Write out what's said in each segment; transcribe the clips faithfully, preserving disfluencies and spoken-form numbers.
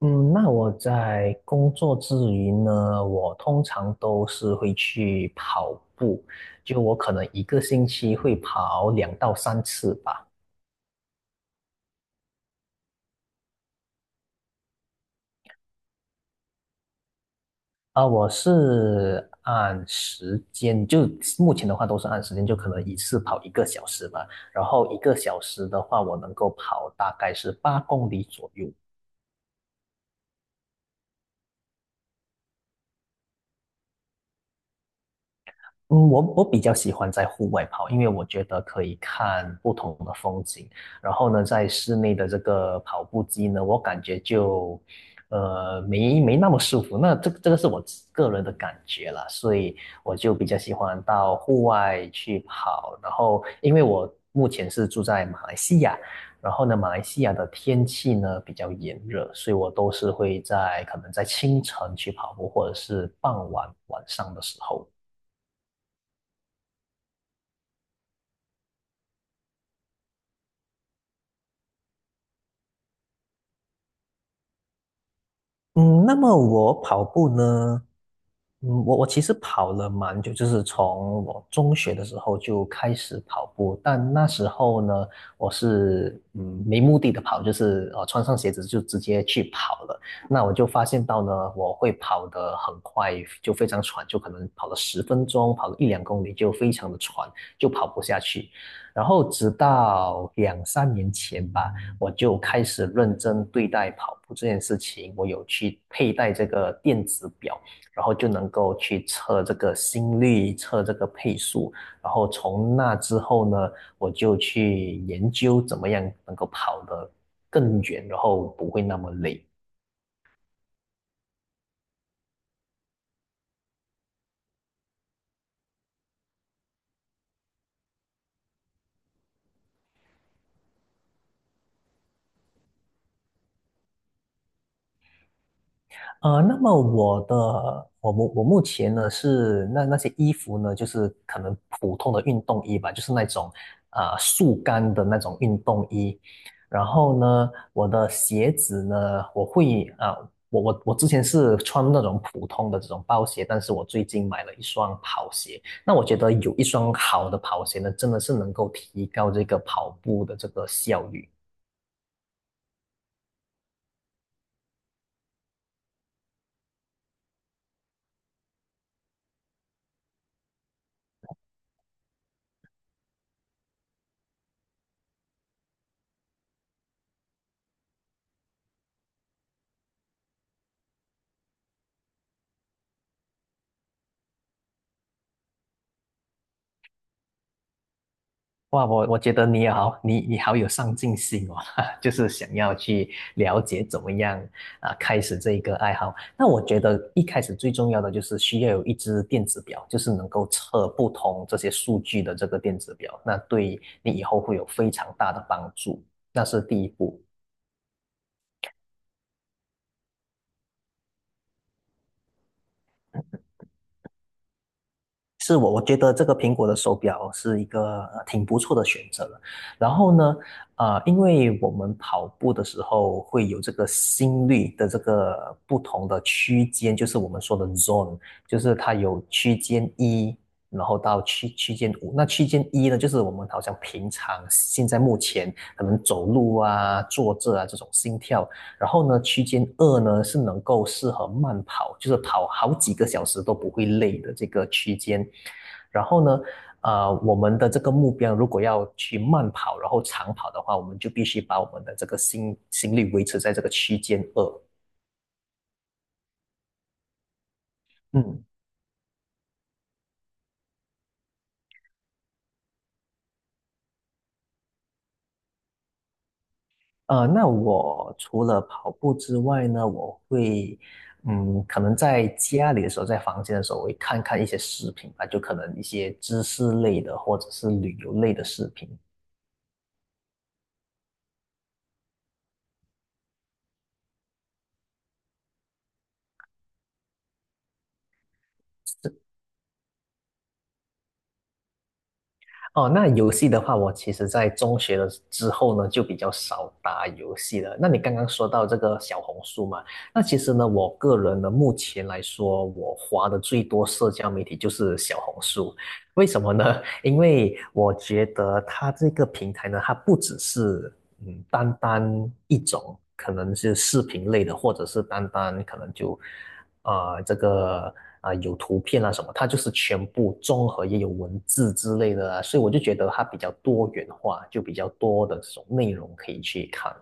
嗯，那我在工作之余呢，我通常都是会去跑步，就我可能一个星期会跑两到三次吧。啊、我是按时间，就目前的话都是按时间，就可能一次跑一个小时吧。然后一个小时的话，我能够跑大概是八公里左右。嗯，我我比较喜欢在户外跑，因为我觉得可以看不同的风景。然后呢，在室内的这个跑步机呢，我感觉就，呃，没没那么舒服。那这这个是我自个人的感觉啦，所以我就比较喜欢到户外去跑。然后，因为我目前是住在马来西亚，然后呢，马来西亚的天气呢比较炎热，所以我都是会在可能在清晨去跑步，或者是傍晚晚上的时候。嗯，那么我跑步呢？嗯，我我其实跑了蛮久，就是从我中学的时候就开始跑步，但那时候呢，我是嗯没目的的跑，就是呃穿上鞋子就直接去跑了。那我就发现到呢，我会跑得很快，就非常喘，就可能跑了十分钟，跑了一两公里就非常的喘，就跑不下去。然后直到两三年前吧。我就开始认真对待跑步这件事情。我有去佩戴这个电子表，然后就能够去测这个心率、测这个配速。然后从那之后呢，我就去研究怎么样能够跑得更远，然后不会那么累。呃，那么我的我我我目前呢是那那些衣服呢，就是可能普通的运动衣吧，就是那种呃速干的那种运动衣。然后呢，我的鞋子呢，我会啊、呃我我我之前是穿那种普通的这种包鞋，但是我最近买了一双跑鞋。那我觉得有一双好的跑鞋呢，真的是能够提高这个跑步的这个效率。哇，我我觉得你好，你你好有上进心哦，就是想要去了解怎么样啊、开始这一个爱好。那我觉得一开始最重要的就是需要有一只电子表，就是能够测不同这些数据的这个电子表，那对你以后会有非常大的帮助。那是第一步。是我，我觉得这个苹果的手表是一个呃挺不错的选择了。然后呢，呃，因为我们跑步的时候会有这个心率的这个不同的区间，就是我们说的 zone，就是它有区间一，然后到区区间五。那区间一呢，就是我们好像平常现在目前可能走路啊、坐着啊这种心跳。然后呢，区间二呢是能够适合慢跑，就是跑好几个小时都不会累的这个区间。然后呢，呃，我们的这个目标如果要去慢跑，然后长跑的话，我们就必须把我们的这个心心率维持在这个区间二。嗯，呃，那我除了跑步之外呢，我会，嗯，可能在家里的时候，在房间的时候，我会看看一些视频吧，就可能一些知识类的或者是旅游类的视频。哦，那游戏的话，我其实在中学的之后呢，就比较少打游戏了。那你刚刚说到这个小红书嘛，那其实呢，我个人呢，目前来说，我花的最多社交媒体就是小红书。为什么呢？因为我觉得它这个平台呢，它不只是嗯，单单一种，可能是视频类的，或者是单单可能就，啊、这个啊、有图片啊什么，它就是全部综合，也有文字之类的啊，所以我就觉得它比较多元化，就比较多的这种内容可以去看。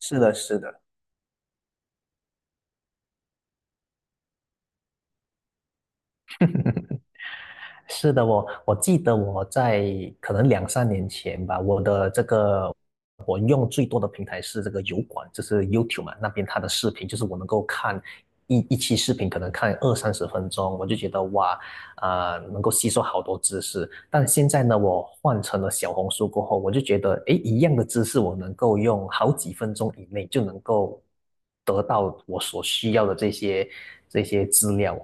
是的，是的，是的，我我记得我在可能两三年前吧，我的这个用最多的平台是这个油管，就是 YouTube 嘛，那边它的视频就是我能够看一一期视频，可能看二三十分钟，我就觉得哇，啊、呃能够吸收好多知识。但现在呢，我换成了小红书过后，我就觉得，诶，一样的知识我能够用好几分钟以内就能够得到我所需要的这些这些资料。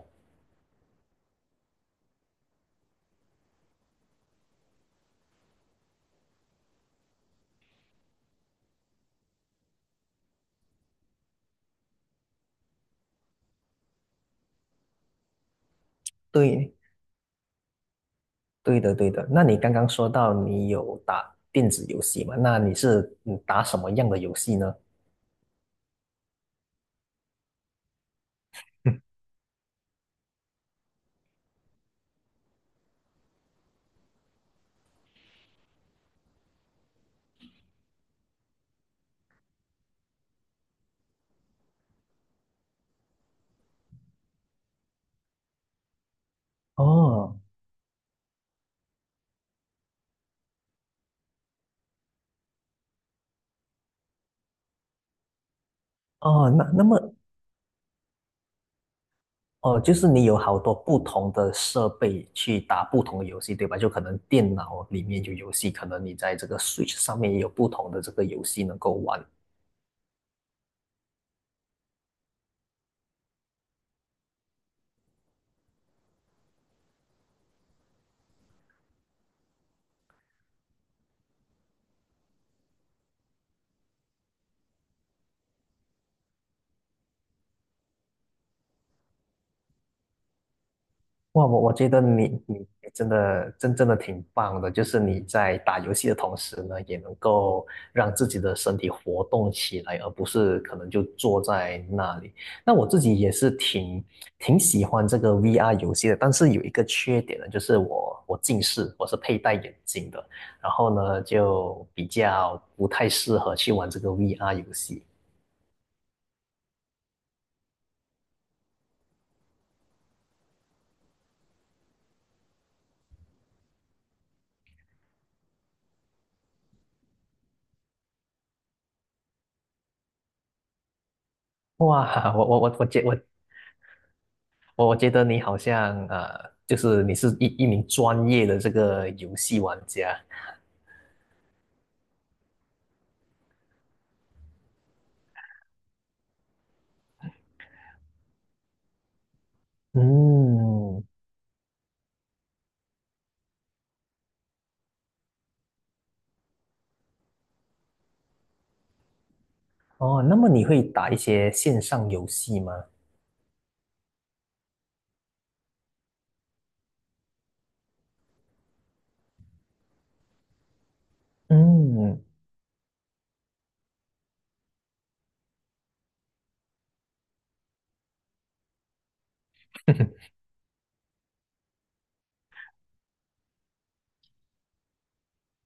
对，对的，对的。那你刚刚说到你有打电子游戏嘛？那你是嗯打什么样的游戏呢？哦哦，那那么哦，就是你有好多不同的设备去打不同的游戏，对吧？就可能电脑里面有游戏，可能你在这个 Switch 上面也有不同的这个游戏能够玩。哇，我我觉得你你你真的真正的挺棒的，就是你在打游戏的同时呢，也能够让自己的身体活动起来，而不是可能就坐在那里。那我自己也是挺挺喜欢这个 V R 游戏的，但是有一个缺点呢，就是我我近视，我是佩戴眼镜的，然后呢就比较不太适合去玩这个 V R 游戏。哇，我我我我觉我我觉得你好像呃，就是你是一一名专业的这个游戏玩家。嗯。哦，那么你会打一些线上游戏吗？嗯。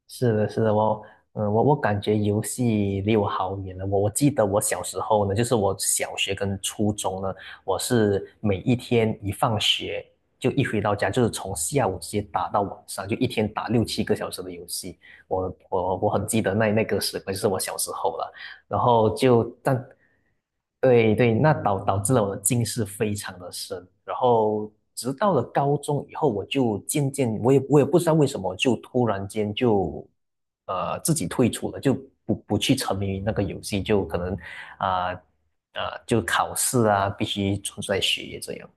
是的，是的，我，嗯，我我感觉游戏离我好远了。我我记得我小时候呢，就是我小学跟初中呢，我是每一天一放学就一回到家，就是从下午直接打到晚上，就一天打六七个小时的游戏。我我我很记得那那个时光，就是我小时候了。然后就但对对，那导导致了我的近视非常的深，然后直到了高中以后，我就渐渐我也我也不知道为什么，就突然间就呃自己退出了，就不不去沉迷于那个游戏，就可能啊啊、呃呃就考试啊必须专注在学业这样。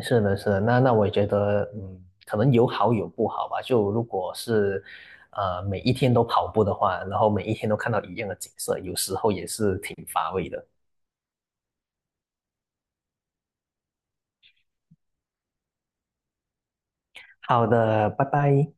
是的，是的，那那我也觉得，嗯，可能有好有不好吧。就如果是，呃，每一天都跑步的话，然后每一天都看到一样的景色，有时候也是挺乏味的。好的，拜拜。